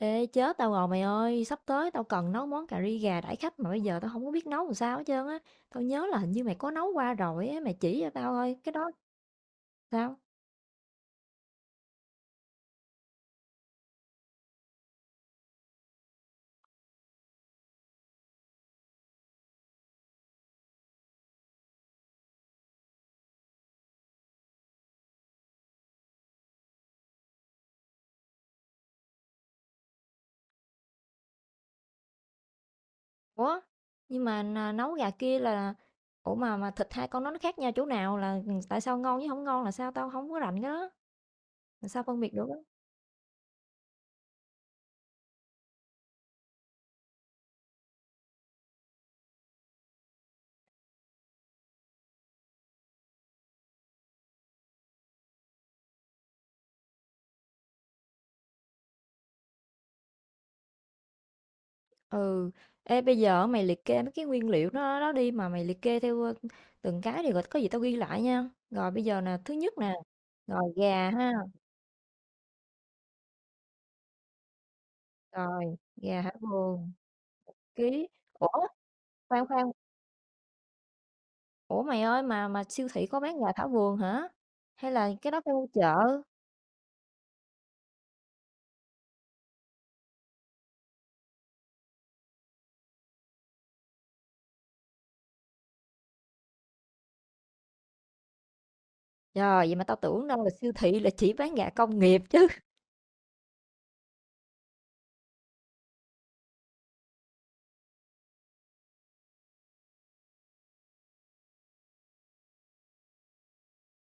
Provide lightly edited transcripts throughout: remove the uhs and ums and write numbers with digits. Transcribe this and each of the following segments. Ê chết tao rồi mày ơi, sắp tới tao cần nấu món cà ri gà đãi khách mà bây giờ tao không có biết nấu làm sao hết trơn á. Tao nhớ là hình như mày có nấu qua rồi á, mày chỉ cho tao thôi, cái đó sao? Ủa? Nhưng mà nấu gà kia là. Ủa mà thịt hai con nó khác nhau chỗ nào là tại sao ngon với không ngon là sao tao không có rành cái đó. Làm sao phân biệt được á? Ừ. Ê bây giờ mày liệt kê mấy cái nguyên liệu đó đó đi mà mày liệt kê theo từng cái thì có gì tao ghi lại nha. Rồi bây giờ nè, thứ nhất nè, rồi gà ha. Rồi, gà hả vườn. Ký. Ủa, khoan, khoan, ủa, mày ơi mà siêu thị có bán gà thảo vườn hả? Hay là cái đó phải mua chợ? Trời, vậy mà tao tưởng đâu là siêu thị là chỉ bán gà công nghiệp chứ.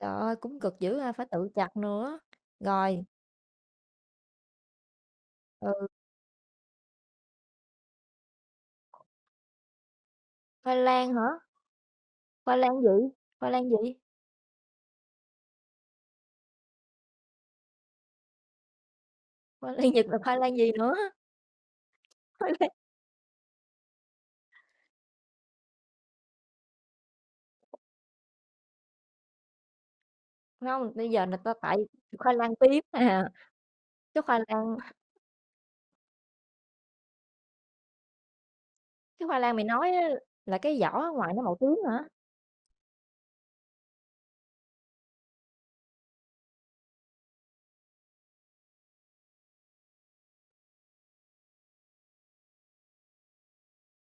Trời ơi, cũng cực dữ ha, phải tự chặt nữa. Rồi, ừ, khoai lang hả? Khoai lang gì? Khoai lang gì? Khoai lang Nhật là khoai lang gì nữa? Khoai lang... Không, bây giờ là tao tại khoai lang tím à. Cái khoai lang, cái khoai lang mày nói á, là cái vỏ ở ngoài nó màu tím hả?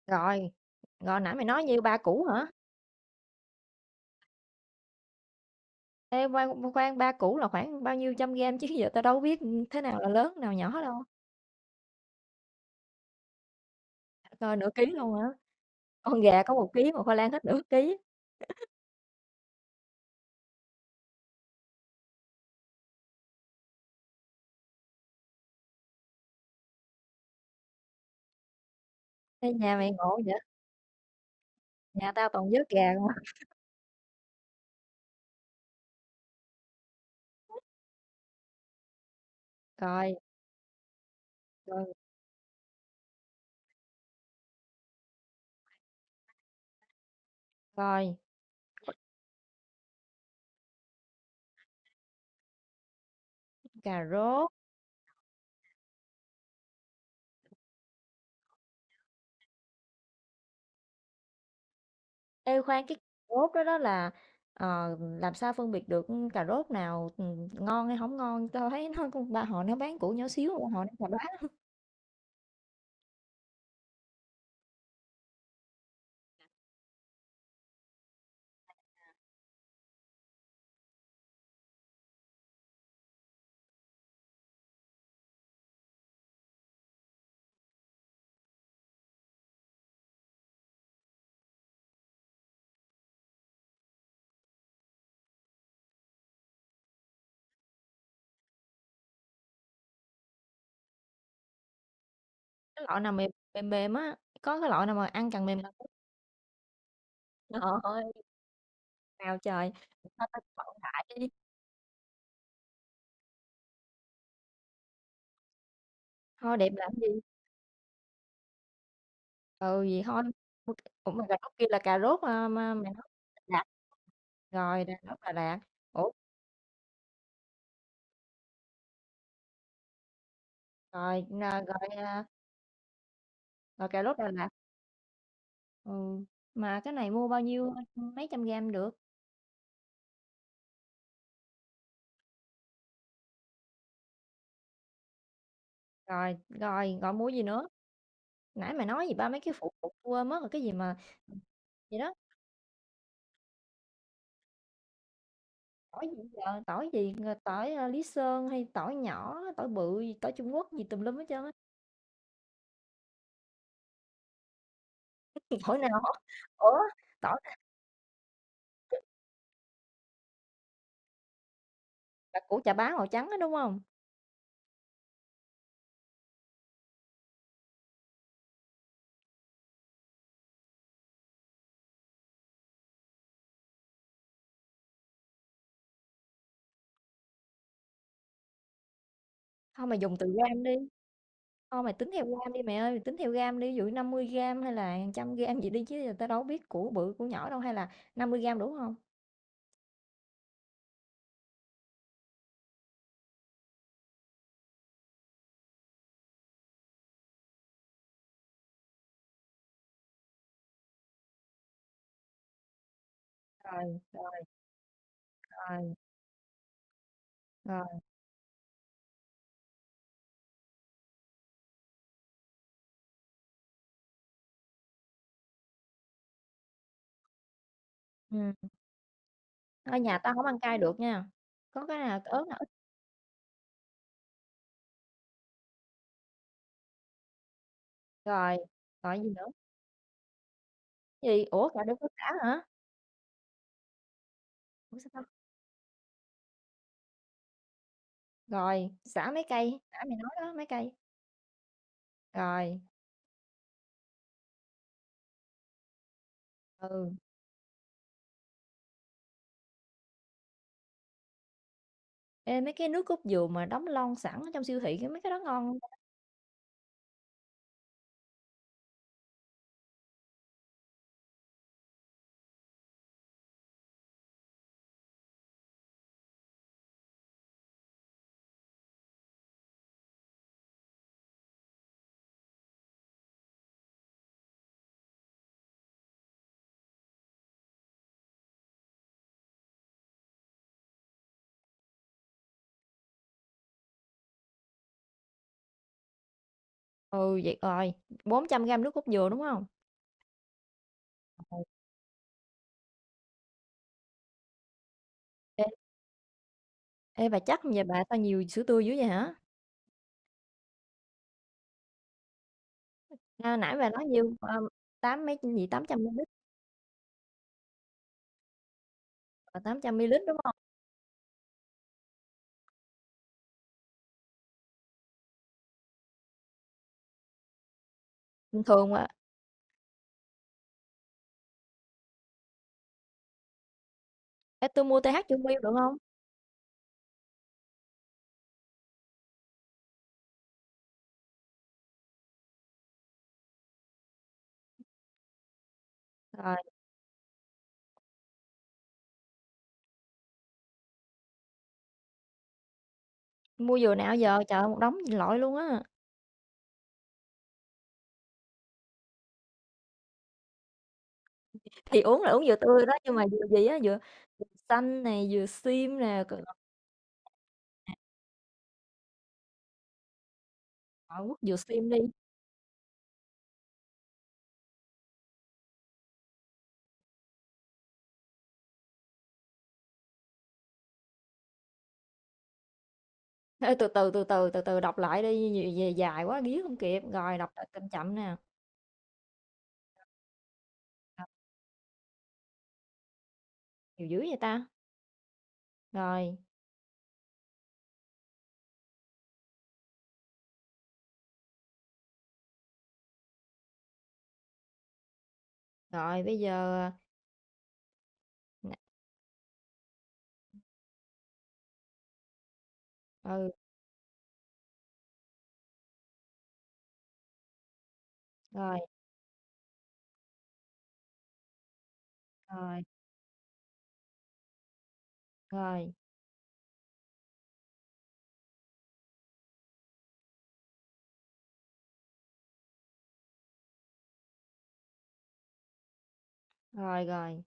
Rồi, rồi nãy mày nói như ba củ hả? Ê, khoan, khoan, ba củ là khoảng bao nhiêu trăm gam chứ giờ tao đâu biết, thế nào là lớn, nào nhỏ đâu. Coi nửa ký luôn hả? Con gà có một ký mà khoai lang hết nửa ký. Ê, nhà mày ngộ vậy? Nhà tao toàn vớt gà không à. Rồi, rồi, rồi, cà rốt. Ê, khoan, cái cà rốt đó đó là, làm sao phân biệt được, cà rốt nào, ngon hay không ngon? Tao thấy nó con ba họ nó bán củ nhỏ xíu, họ nó chà bá, cái loại nào mềm mềm mềm á, có cái loại nào mà ăn càng mềm càng tốt. Trời ơi, nào trời, sao tao chọn đại. Kho đẹp làm gì? Ừ, vậy thôi. Mua c ủa, mà cà rốt kia là cà rốt, a, ma mày nói Đà Lạt. Rồi, Đà Lạt, Đà Lạt. Ủa, rồi, à, rồi, à, rồi cà rốt Đà Lạt, ừ, mà cái này mua bao nhiêu, mấy trăm gam được? Rồi, rồi, rồi mua gì nữa? Nãy mày nói gì ba mấy cái phụ phụ tui quên mất rồi, cái gì mà gì đó, tỏi gì giờ? Tỏi gì, tỏi, a, Lý Sơn hay tỏi nhỏ, tỏi bự gì, tỏi Trung Quốc gì tùm lum hết trơn á. Tỏi nào hả? Ủa, tỏi này là của chà bá màu trắng á, đúng không? Hông, mày dùng từ gam đi. Thôi mày tính theo gam đi mẹ ơi, mày tính theo gam đi, ví dụ 50 gram hay là 100 gram gì đi chứ giờ tao đâu biết của bự của nhỏ đâu hay là 50 gram đủ không? Rồi, rồi, rồi, rồi. Ừ. Ở nhà tao không ăn cay được nha. Có cái nào ớt nào ít rồi. Rồi gì nữa? Gì? Ủa cà đừng có xả hả? Ủa sao tao? Rồi, xả mấy cây, xả mày nói đó, mấy cây. Rồi. Ừ. Ê, mấy cái nước cốt dừa mà đóng lon sẵn ở trong siêu thị cái mấy cái đó ngon. Ừ vậy rồi, 400 gram nước cốt dừa đúng không? Ừ. Ê, ê, bà chắc vậy bà tao nhiều sữa tươi dữ vậy hả? A, nãy bà nói nhiêu, tám mấy gì, tám trăm ml ờ, 800 ml, đúng không? Bình thường mà ê, tui mua TH chưa miêu được không? Rồi, mua vừa nào giờ, trời ơi, một đống lội luôn á, thì uống là uống dừa tươi đó, nhưng mà dừa gì á, dừa dừa xanh nè, dừa sim nè, c ờ, quất dừa xiêm đi. Ê, từ từ, từ từ, từ từ đọc lại đi, nhiều về dài quá ghía không kịp, rồi đọc lại chậm chậm nè, ờ, nhiều dữ vậy ta? Rồi, rồi bây giờ, ờ, ừ, rồi, rồi, rồi, rồi, rồi.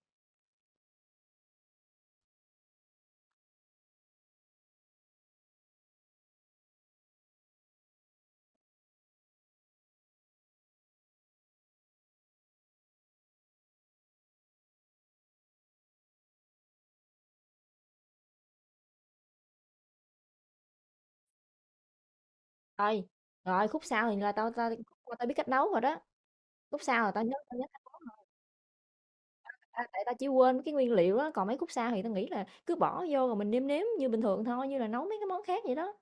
Rồi, rồi khúc sau thì là tao tao khúc qua tao biết cách nấu rồi đó. Khúc sau là tao nhớ cách nấu rồi, tại tao chỉ quên mấy cái nguyên liệu á, còn mấy khúc sau thì tao nghĩ là cứ bỏ vô rồi mình nêm nếm như bình thường thôi, như là nấu mấy cái món khác vậy đó.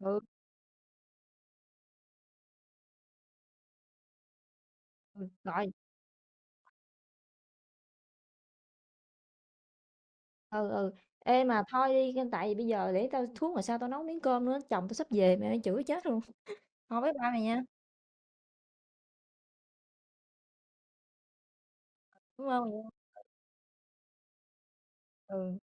Ừ, ừ, rồi, ừ. Ê mà thôi đi, tại vì bây giờ để tao xuống rồi sao tao nấu miếng cơm nữa, chồng tao sắp về mẹ chửi chết luôn. Thôi bye bye mày nha. Cảm ơn mày nha. Ừ.